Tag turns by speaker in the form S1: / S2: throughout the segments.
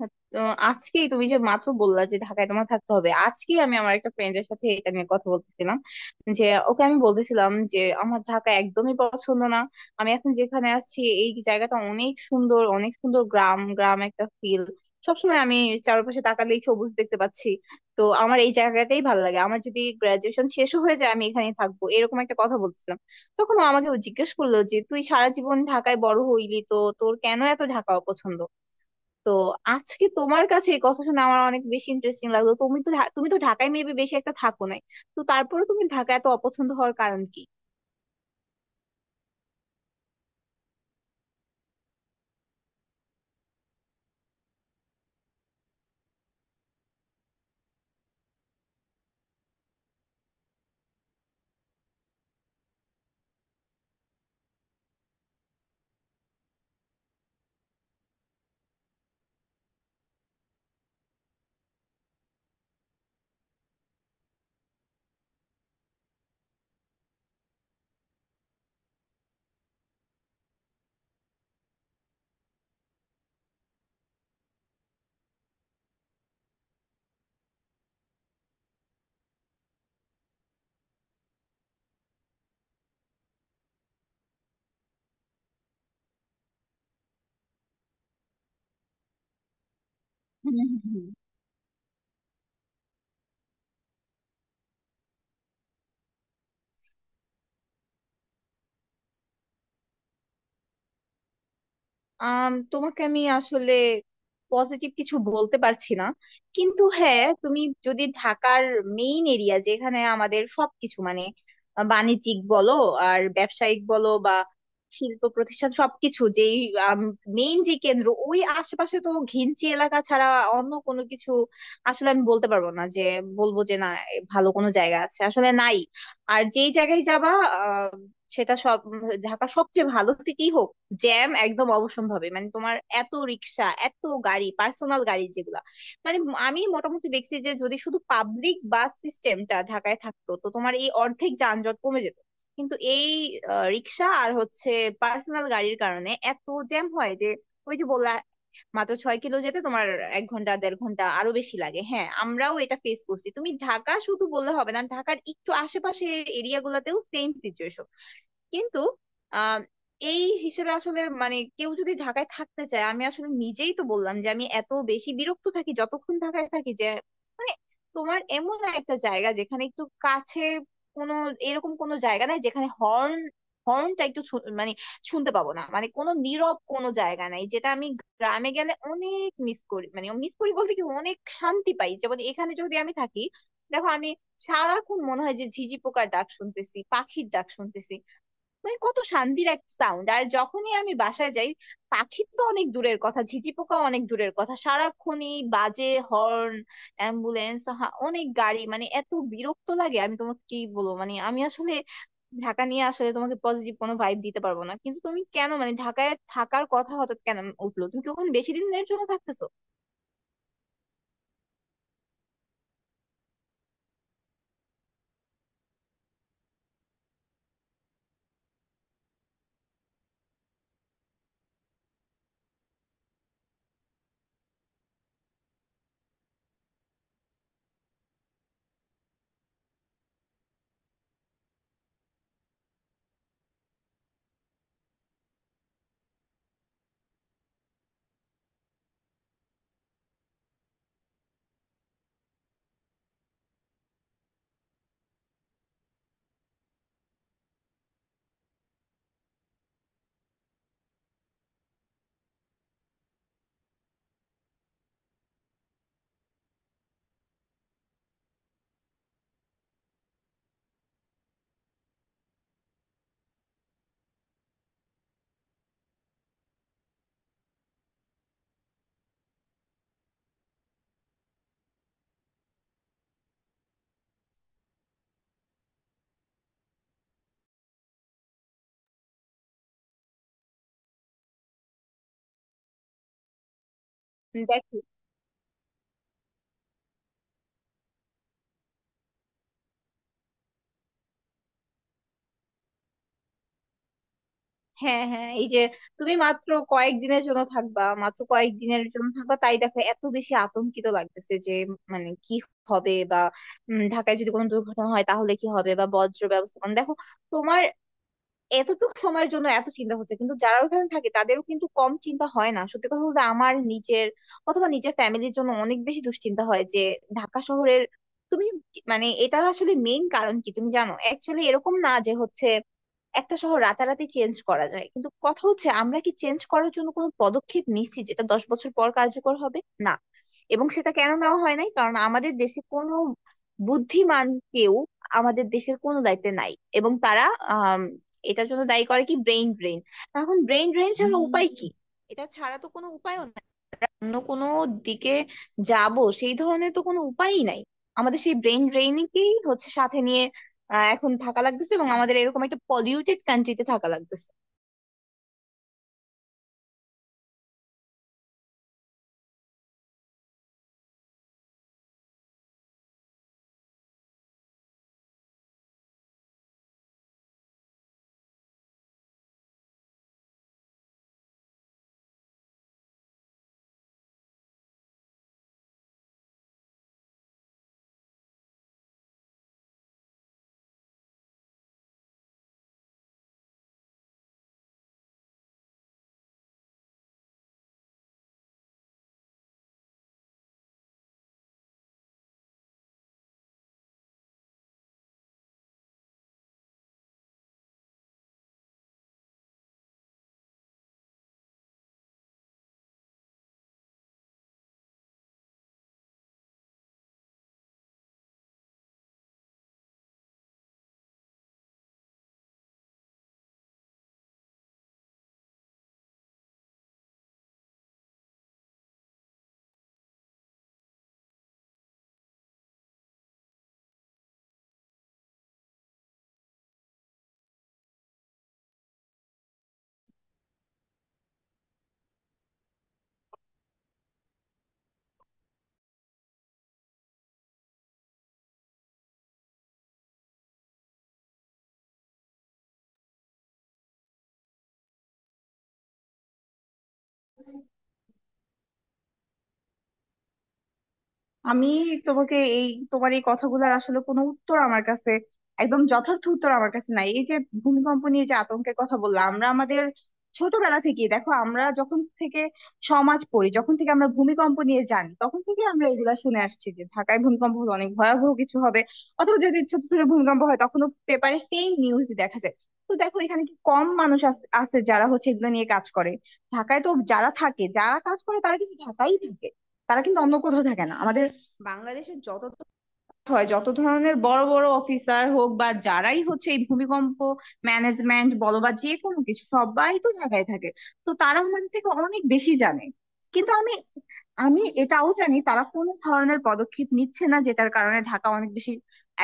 S1: আচ্ছা, তো আজকেই তুমি যে মাত্র বললা যে ঢাকায় তোমার থাকতে হবে, আজকেই আমি আমার একটা ফ্রেন্ডের সাথে এটা নিয়ে কথা বলতেছিলাম। যে ওকে আমি বলতেছিলাম যে আমার ঢাকা একদমই পছন্দ না। আমি এখন যেখানে আছি এই জায়গাটা অনেক সুন্দর, অনেক সুন্দর, গ্রাম গ্রাম একটা ফিল। সবসময় আমি চারপাশে তাকালেই সবুজ দেখতে পাচ্ছি। তো আমার এই জায়গাটাই ভালো লাগে, আমার যদি গ্রাজুয়েশন শেষও হয়ে যায় আমি এখানেই থাকবো, এরকম একটা কথা বলছিলাম। তখন ও আমাকে জিজ্ঞেস করলো যে তুই সারা জীবন ঢাকায় বড় হইলি, তো তোর কেন এত ঢাকা অপছন্দ? তো আজকে তোমার কাছে এই কথা শুনে আমার অনেক বেশি ইন্টারেস্টিং লাগলো। তুমি তো ঢাকায় মেবি বেশি একটা থাকো নাই। তো তারপরে তুমি ঢাকা এত অপছন্দ হওয়ার কারণ কি? হুম হুম হুম। তোমাকে আমি আসলে পজিটিভ কিছু বলতে পারছি না। কিন্তু হ্যাঁ, তুমি যদি ঢাকার মেইন এরিয়া, যেখানে আমাদের সবকিছু মানে বাণিজ্যিক বলো আর ব্যবসায়িক বলো বা শিল্প প্রতিষ্ঠান, সবকিছু যেই মেইন যে কেন্দ্র, ওই আশেপাশে তো ঘিঞ্চি এলাকা ছাড়া অন্য কোনো কিছু আসলে আমি বলতে পারবো না যে বলবো যে না, এ ভালো কোনো জায়গা আছে, আসলে নাই। আর যেই জায়গায় যাবা আহ সেটা সব ঢাকা সবচেয়ে ভালো সিটি হোক, জ্যাম একদম অবশ্যম্ভাবী। মানে তোমার এত রিক্সা, এত গাড়ি, পার্সোনাল গাড়ি যেগুলা, মানে আমি মোটামুটি দেখছি যে যদি শুধু পাবলিক বাস সিস্টেমটা ঢাকায় থাকতো তো তোমার এই অর্ধেক যানজট কমে যেত। কিন্তু এই রিক্সা আর হচ্ছে পার্সোনাল গাড়ির কারণে এত জ্যাম হয় যে ওই যে বললা মাত্র 6 কিলো যেতে তোমার 1 ঘন্টা, দেড় ঘন্টা, আরো বেশি লাগে। হ্যাঁ, আমরাও এটা ফেস করছি। তুমি ঢাকা শুধু বললে হবে না, ঢাকার একটু আশেপাশের এরিয়া গুলাতেও সেম সিচুয়েশন। কিন্তু আহ এই হিসেবে আসলে মানে কেউ যদি ঢাকায় থাকতে চায়, আমি আসলে নিজেই তো বললাম যে আমি এত বেশি বিরক্ত থাকি যতক্ষণ ঢাকায় থাকি, যে মানে তোমার এমন একটা জায়গা যেখানে একটু কাছে, কোনো এরকম কোনো জায়গা নাই যেখানে হর্ন, হর্নটা একটু শু- মানে শুনতে পাবো না, মানে কোনো নীরব কোনো জায়গা নাই, যেটা আমি গ্রামে গেলে অনেক মিস করি। মানে মিস করি বলতে কি অনেক শান্তি পাই, যেমন এখানে যদি আমি থাকি, দেখো আমি সারাক্ষণ মনে হয় যে ঝিঝি পোকার ডাক শুনতেছি, পাখির ডাক শুনতেছি। মানে কত শান্তির এক সাউন্ড। আর যখনই আমি বাসায় যাই, পাখির তো অনেক দূরের কথা, ঝিঁঝি পোকা অনেক দূরের কথা, সারাক্ষণই বাজে হর্ন, অ্যাম্বুলেন্স, অনেক গাড়ি। মানে এত বিরক্ত লাগে, আমি তোমাকে কি বলবো, মানে আমি আসলে ঢাকা নিয়ে আসলে তোমাকে পজিটিভ কোনো ভাইব দিতে পারবো না। কিন্তু তুমি কেন মানে ঢাকায় থাকার কথা হঠাৎ কেন উঠলো? তুমি কি ওখানে বেশি দিনের জন্য থাকতেছো? দেখ। হ্যাঁ হ্যাঁ, এই যে তুমি মাত্র কয়েকদিনের জন্য থাকবা, মাত্র কয়েকদিনের জন্য থাকবা, তাই দেখো এত বেশি আতঙ্কিত লাগতেছে যে মানে কি হবে বা, ঢাকায় যদি কোনো দুর্ঘটনা হয় তাহলে কি হবে বা বজ্র ব্যবস্থাপনা। দেখো তোমার এতটুকু সময়ের জন্য এত চিন্তা হচ্ছে, কিন্তু যারা ওখানে থাকে তাদেরও কিন্তু কম চিন্তা হয় না। সত্যি কথা বলতে আমার নিজের অথবা নিজের ফ্যামিলির জন্য অনেক বেশি দুশ্চিন্তা হয়, যে ঢাকা শহরের তুমি মানে এটার আসলে মেইন কারণ কি তুমি জানো? অ্যাকচুয়ালি এরকম না যে হচ্ছে একটা শহর রাতারাতি চেঞ্জ করা যায়, কিন্তু কথা হচ্ছে আমরা কি চেঞ্জ করার জন্য কোনো পদক্ষেপ নিচ্ছি যেটা 10 বছর পর কার্যকর হবে? না। এবং সেটা কেন নেওয়া হয় নাই? কারণ আমাদের দেশে কোনো বুদ্ধিমান কেউ আমাদের দেশের কোনো দায়িত্বে নাই। এবং তারা আহ এটার জন্য দায়ী করে কি ব্রেইন ড্রেন। এখন ব্রেইন ড্রেন ছাড়া উপায় কি, এটা ছাড়া তো কোনো উপায়ও নাই। অন্য কোনো দিকে যাব সেই ধরনের তো কোনো উপায়ই নাই। আমাদের সেই ব্রেইন ড্রেইনকেই হচ্ছে সাথে নিয়ে এখন থাকা লাগতেছে এবং আমাদের এরকম একটা পলিউটেড কান্ট্রিতে থাকা লাগতেছে। আমি তোমাকে এই তোমার এই কথাগুলোর আসলে কোনো উত্তর আমার কাছে, একদম যথার্থ উত্তর আমার কাছে নাই। এই যে ভূমিকম্প নিয়ে যে আতঙ্কের কথা বললাম, আমরা আমাদের ছোটবেলা থেকে দেখো, আমরা যখন থেকে সমাজ পড়ি, যখন থেকে আমরা ভূমিকম্প নিয়ে জানি, তখন থেকে আমরা এগুলা শুনে আসছি যে ঢাকায় ভূমিকম্প হলে অনেক ভয়াবহ কিছু হবে। অথবা যদি ছোট ছোট ভূমিকম্প হয় তখনও পেপারে সেই নিউজ দেখা যায়। তো দেখো এখানে কি কম মানুষ আছে যারা হচ্ছে এগুলো নিয়ে কাজ করে? ঢাকায় তো যারা থাকে, যারা কাজ করে তারা কিন্তু ঢাকাই থাকে, তারা কিন্তু অন্য কোথাও থাকে না। বাংলাদেশে হয় যত ধরনের বড় বড় অফিসার হোক বা যারাই হচ্ছে এই ভূমিকম্প ম্যানেজমেন্ট বলো বা যে কোনো কিছু, সবাই তো ঢাকায় থাকে। তো তারা আমাদের থেকে অনেক বেশি জানে। কিন্তু আমি আমি এটাও জানি তারা কোনো ধরনের পদক্ষেপ নিচ্ছে না যেটার কারণে ঢাকা অনেক বেশি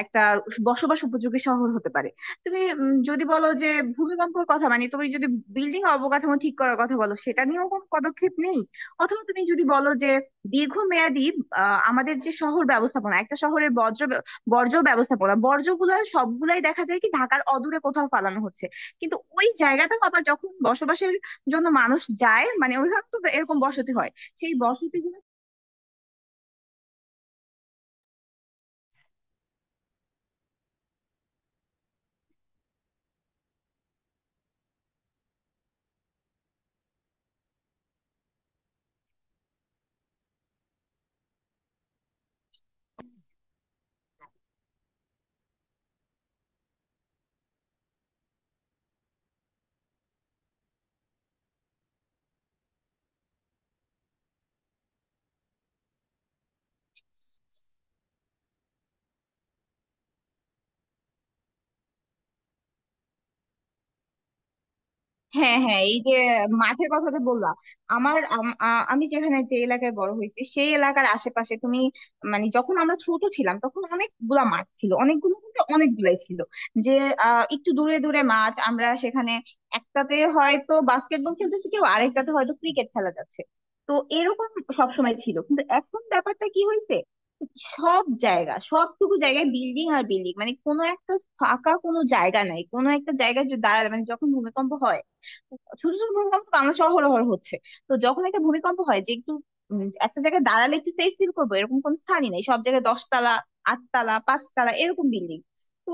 S1: একটা বসবাস উপযোগী শহর হতে পারে। তুমি যদি বলো যে ভূমিকম্পের কথা, মানে তুমি যদি বিল্ডিং অবকাঠামো ঠিক করার কথা বলো সেটা নিয়েও কোনো পদক্ষেপ নেই। অথবা তুমি যদি বলো যে দীর্ঘমেয়াদী, আমাদের যে শহর ব্যবস্থাপনা, একটা শহরের বর্জ্য ব্যবস্থাপনা, বর্জ্যগুলো সবগুলাই দেখা যায় কি ঢাকার অদূরে কোথাও ফালানো হচ্ছে। কিন্তু ওই জায়গাটাও আবার যখন বসবাসের জন্য মানুষ যায়, মানে ওইখানে তো এরকম বসতি হয়, সেই বসতি। হ্যাঁ হ্যাঁ, এই যে মাঠের কথা যে বললাম, আমি যেখানে, যে এলাকায় বড় হয়েছি সেই এলাকার আশেপাশে তুমি, মানে যখন আমরা ছোট ছিলাম তখন অনেকগুলা মাঠ ছিল, অনেকগুলো বলতে অনেকগুলাই ছিল। যে একটু দূরে দূরে মাঠ, আমরা সেখানে একটাতে হয়তো বাস্কেটবল খেলতেছি, কেউ আরেকটাতে হয়তো ক্রিকেট খেলা যাচ্ছে। তো এরকম সবসময় ছিল, কিন্তু এখন ব্যাপারটা কি হয়েছে, সব জায়গা, সবটুকু জায়গায় বিল্ডিং আর বিল্ডিং। মানে কোনো একটা ফাঁকা কোনো জায়গা নাই, কোনো একটা জায়গায় যদি দাঁড়ালে, মানে যখন ভূমিকম্প হয়, ছোট ছোট ভূমিকম্প তো বাংলাদেশে অহরহ হচ্ছে। তো যখন একটা ভূমিকম্প হয় যে একটু একটা জায়গায় দাঁড়ালে একটু সেফ ফিল করবো, এরকম কোনো স্থানই নেই। সব জায়গায় দশতলা, আটতলা, পাঁচতলা এরকম বিল্ডিং। তো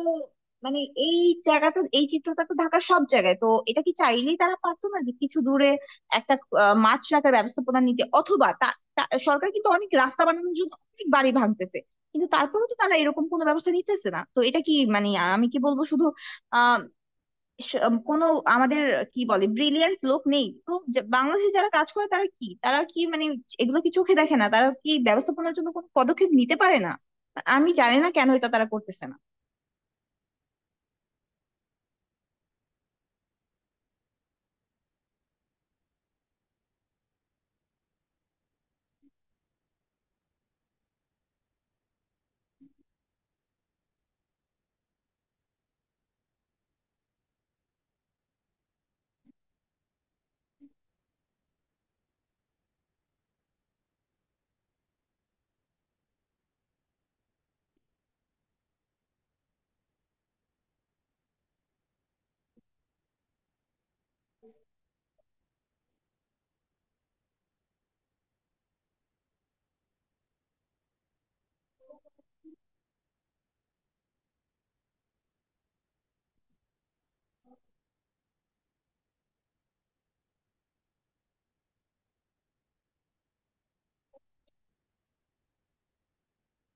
S1: মানে এই জায়গাটা, এই চিত্রটা তো ঢাকার সব জায়গায়। তো এটা কি চাইলেই তারা পারতো না যে কিছু দূরে একটা মাছ রাখার ব্যবস্থাপনা নিতে? অথবা তা- তা- সরকার কিন্তু অনেক রাস্তা বানানোর জন্য অনেক বাড়ি ভাঙতেছে, কিন্তু তারপরেও তো তারা এরকম কোনো ব্যবস্থা নিতেছে না। তো এটা কি, মানে আমি কি বলবো, শুধু কোনো আমাদের কি বলে ব্রিলিয়ান্ট লোক নেই? তো বাংলাদেশে যারা কাজ করে তারা কি, তারা কি মানে এগুলো কি চোখে দেখে না, তারা কি ব্যবস্থাপনার জন্য কোনো পদক্ষেপ নিতে পারে না? আমি জানি না কেন এটা তারা করতেছে না।